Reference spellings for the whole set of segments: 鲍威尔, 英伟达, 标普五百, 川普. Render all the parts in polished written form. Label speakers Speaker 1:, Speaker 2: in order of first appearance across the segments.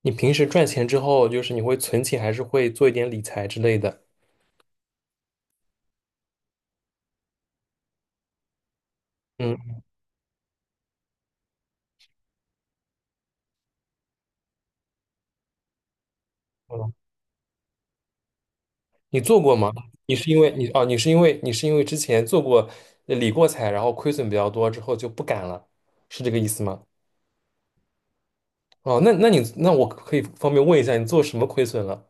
Speaker 1: 你平时赚钱之后，就是你会存钱，还是会做一点理财之类的？嗯，嗯，你做过吗？你是因为你哦，你是因为之前理过财，然后亏损比较多，之后就不敢了，是这个意思吗？哦，那我可以方便问一下，你做什么亏损了？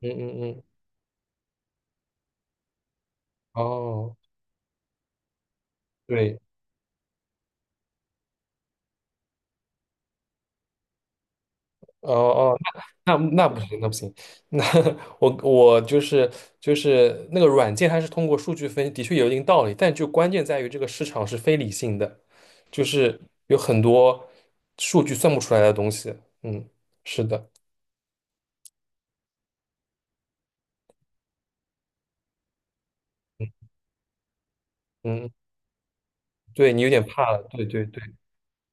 Speaker 1: 嗯嗯嗯，哦，对。哦哦，那那那不行，那不行，那我就是那个软件，它是通过数据分析，的确有一定道理，但就关键在于这个市场是非理性的，就是有很多数据算不出来的东西。嗯，是的，嗯，对你有点怕了，对对对。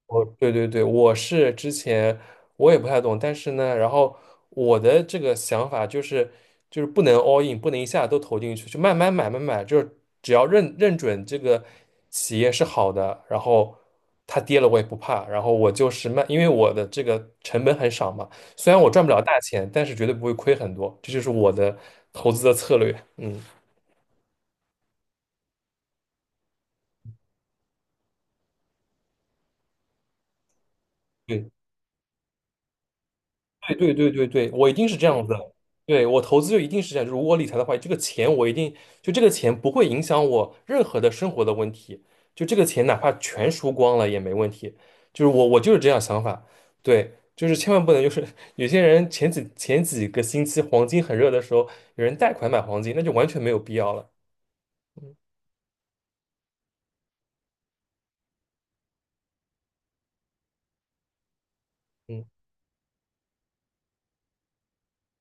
Speaker 1: 哦，对对对，我是之前我也不太懂，但是呢，然后我的这个想法就是，就是不能 all in，不能一下都投进去，就慢慢买，慢慢买，就是只要认准这个企业是好的，然后它跌了我也不怕，然后我就是慢，因为我的这个成本很少嘛，虽然我赚不了大钱，但是绝对不会亏很多，这就是我的投资的策略。嗯，对对对对对对，我一定是这样子的。对，我投资就一定是这样，就是我理财的话，这个钱我一定就这个钱不会影响我任何的生活的问题，就这个钱哪怕全输光了也没问题。就是我就是这样想法，对，就是千万不能就是 有些人前几个星期黄金很热的时候，有人贷款买黄金，那就完全没有必要了。嗯。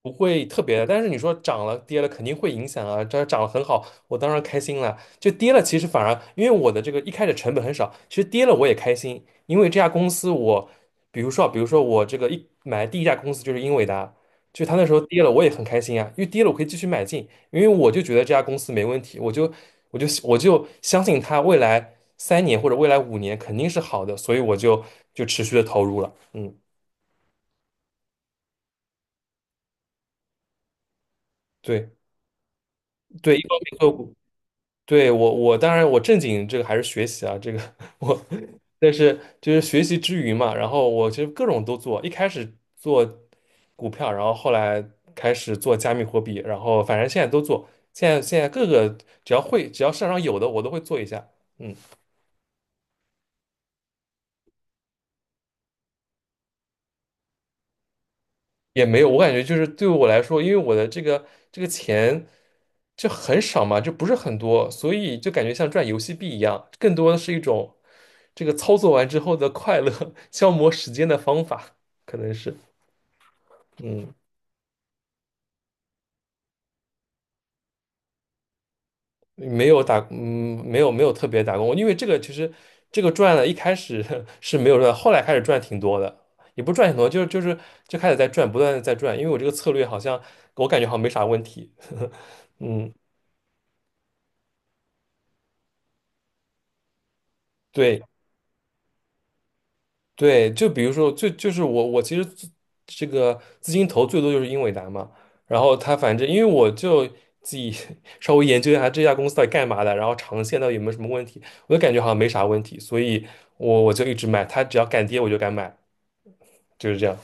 Speaker 1: 不会特别的，但是你说涨了跌了肯定会影响啊。这涨了很好，我当然开心了。就跌了，其实反而因为我的这个一开始成本很少，其实跌了我也开心，因为这家公司我，比如说我这个一买第一家公司就是英伟达，就它那时候跌了我也很开心啊，因为跌了我可以继续买进，因为我就觉得这家公司没问题，我就相信它未来3年或者未来5年肯定是好的，所以我就持续的投入了。嗯，对对，一方面会。对，我当然我正经这个还是学习啊，这个 我，但是就是学习之余嘛，然后我其实各种都做，一开始做股票，然后后来开始做加密货币，然后反正现在都做，现在各个只要市场上有的我都会做一下，嗯。也没有，我感觉就是对我来说，因为我的这个钱就很少嘛，就不是很多，所以就感觉像赚游戏币一样，更多的是一种这个操作完之后的快乐，消磨时间的方法，可能是，嗯，没有打，嗯，没有没有特别打工，因为这个其实这个赚了，一开始 是没有赚，后来开始赚挺多的，也不是赚挺多，就是就开始在赚，不断的在赚，因为我这个策略好像我感觉好像没啥问题，嗯。对。对，就比如说，最就是我其实自这个资金投最多就是英伟达嘛，然后他反正因为我就自己 稍微研究一下这家公司到底干嘛的，然后长线到底有没有什么问题，我就感觉好像没啥问题，所以我就一直买，它只要敢跌我就敢买，就是这样。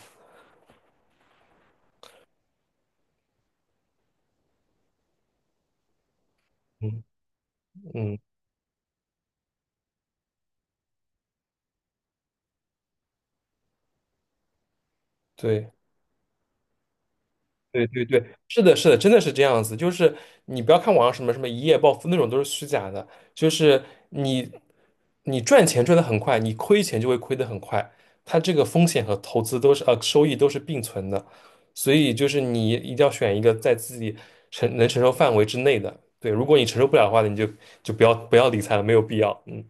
Speaker 1: 嗯嗯，对。对对对，是的，是的，真的是这样子。就是你不要看网上什么什么一夜暴富那种都是虚假的，就是你你赚钱赚得很快，你亏钱就会亏得很快。它这个风险和投资都是收益都是并存的，所以就是你一定要选一个在自己承受范围之内的。对，如果你承受不了的话，你就不要理财了，没有必要。嗯。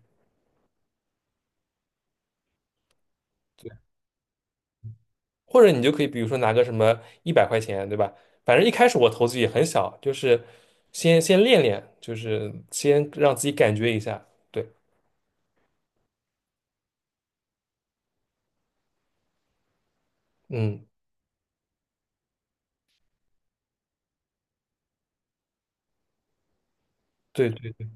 Speaker 1: 或者你就可以比如说拿个什么100块钱，对吧？反正一开始我投资也很小，就是先练练，就是先让自己感觉一下。对，嗯，对对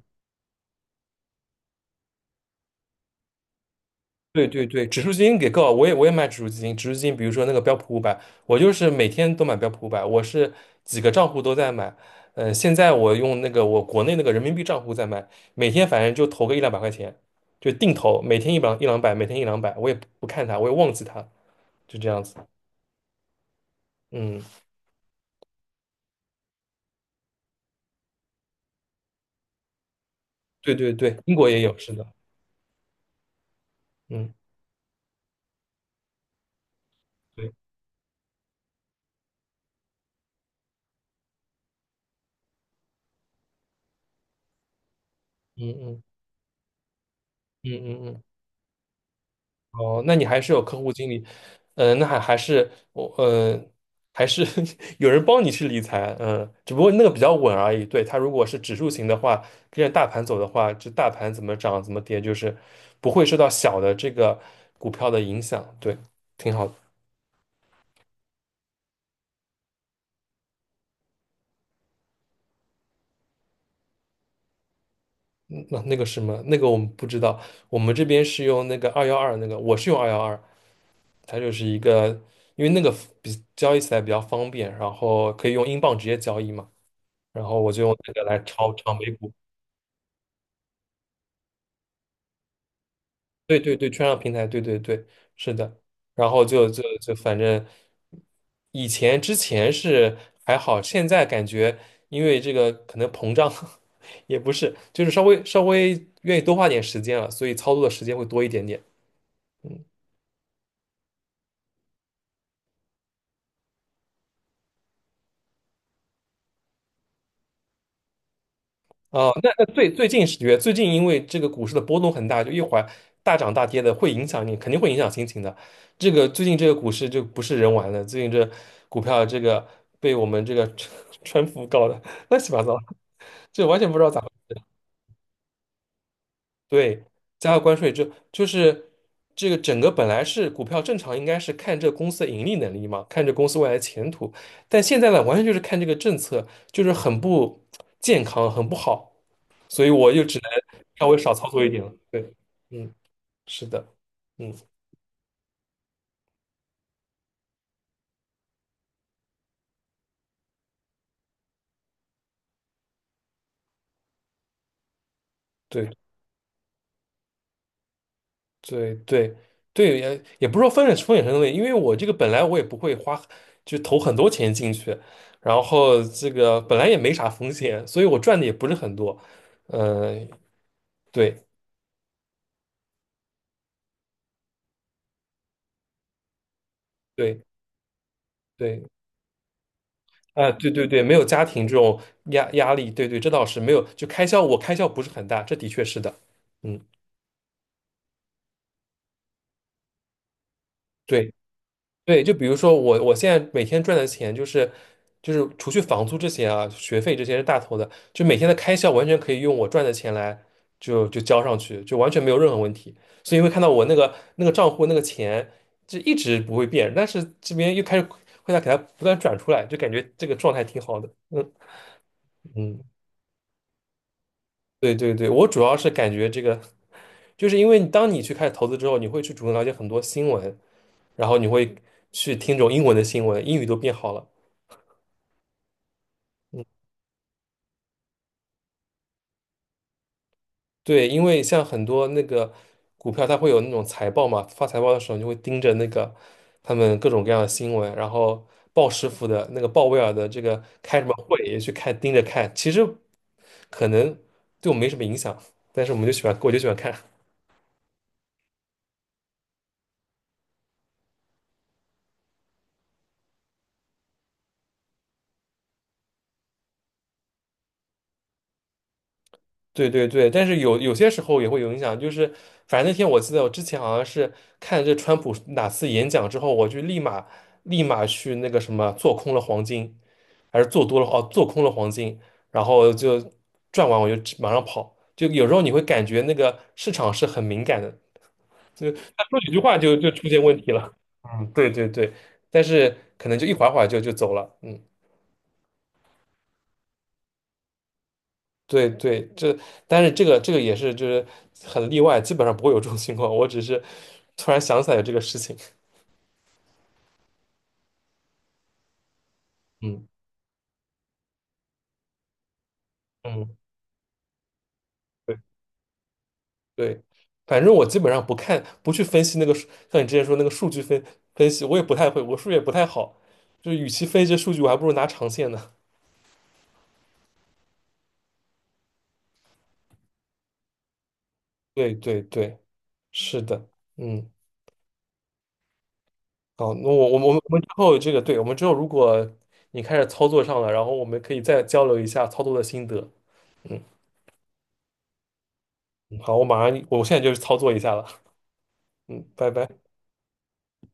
Speaker 1: 对对对，指数基金给够，我也买指数基金，指数基金比如说那个标普五百，我就是每天都买标普五百，我是几个账户都在买。嗯、现在我用那个我国内那个人民币账户在买，每天反正就投个一两百块钱，就定投，每天一两百，每天一两百，我也不看它，我也忘记它，就这样子。嗯。对对对，英国也有，是的，嗯对，嗯嗯嗯嗯嗯，哦，那你还是有客户经理，嗯、那还是我，嗯、还是 有人帮你去理财，嗯、只不过那个比较稳而已。对，它如果是指数型的话，跟着大盘走的话，这大盘怎么涨怎么跌，就是不会受到小的这个股票的影响，对，挺好的。嗯那个什么，那个我们不知道，我们这边是用那个二幺二，那个我是用二幺二，它就是一个，因为那个比交易起来比较方便，然后可以用英镑直接交易嘛，然后我就用这个来炒炒美股，对对对，券商平台，对对对，是的，然后就反正以前之前是还好，现在感觉因为这个可能膨胀 也不是，就是稍微愿意多花点时间了，所以操作的时间会多一点点。嗯。哦，那最近10月，最近因为这个股市的波动很大，就一会儿大涨大跌的，会影响你，肯定会影响心情的。这个最近这个股市就不是人玩的，最近这股票这个被我们这个 川普搞的乱七八糟，这完全不知道咋回事。对，加了关税就是这个整个本来是股票正常应该是看这公司的盈利能力嘛，看这公司未来前途，但现在呢，完全就是看这个政策，就是很不健康，很不好，所以我就只能稍微少操作一点了。对，嗯，是的，嗯，对。对对对，也不是说风险很西，因为我这个本来我也不会花，就投很多钱进去，然后这个本来也没啥风险，所以我赚的也不是很多。呃，对对对，啊，对对对，没有家庭这种压力，对对，这倒是没有，就开销我开销不是很大，这的确是的。嗯，对。对，就比如说我现在每天赚的钱就是，就是除去房租这些啊，学费这些是大头的，就每天的开销完全可以用我赚的钱来就交上去，就完全没有任何问题。所以会看到我那个账户那个钱就一直不会变，但是这边又开始会在给它不断转出来，就感觉这个状态挺好的。嗯嗯，对对对，我主要是感觉这个，就是因为你当你去开始投资之后，你会去主动了解很多新闻，然后你会去听这种英文的新闻，英语都变好了。对，因为像很多那个股票，它会有那种财报嘛，发财报的时候你就会盯着那个他们各种各样的新闻，然后鲍师傅的那个鲍威尔的这个开什么会也去看，盯着看。其实可能对我们没什么影响，但是我们就喜欢，我就喜欢看。对对对，但是有些时候也会有影响，就是反正那天我记得我之前好像是看这川普哪次演讲之后，我就立马去那个什么做空了黄金。还是做多了哦，做空了黄金，然后就赚完我就马上跑。就有时候你会感觉那个市场是很敏感的，就他说几句话就出现问题了。嗯，对对对，但是可能就一会儿就走了。嗯，对对，但是这个也是就是很例外，基本上不会有这种情况。我只是突然想起来有这个事情。嗯嗯。对。对，反正我基本上不看，不去分析那个数，像你之前说那个数据分析，我也不太会，我数学也不太好，就是与其分析这数据，我还不如拿长线呢。对对对，是的，嗯，好，那我们之后这个，对，我们之后如果你开始操作上了，然后我们可以再交流一下操作的心得。嗯，嗯好，我马上，我现在就去操作一下了。嗯，拜拜。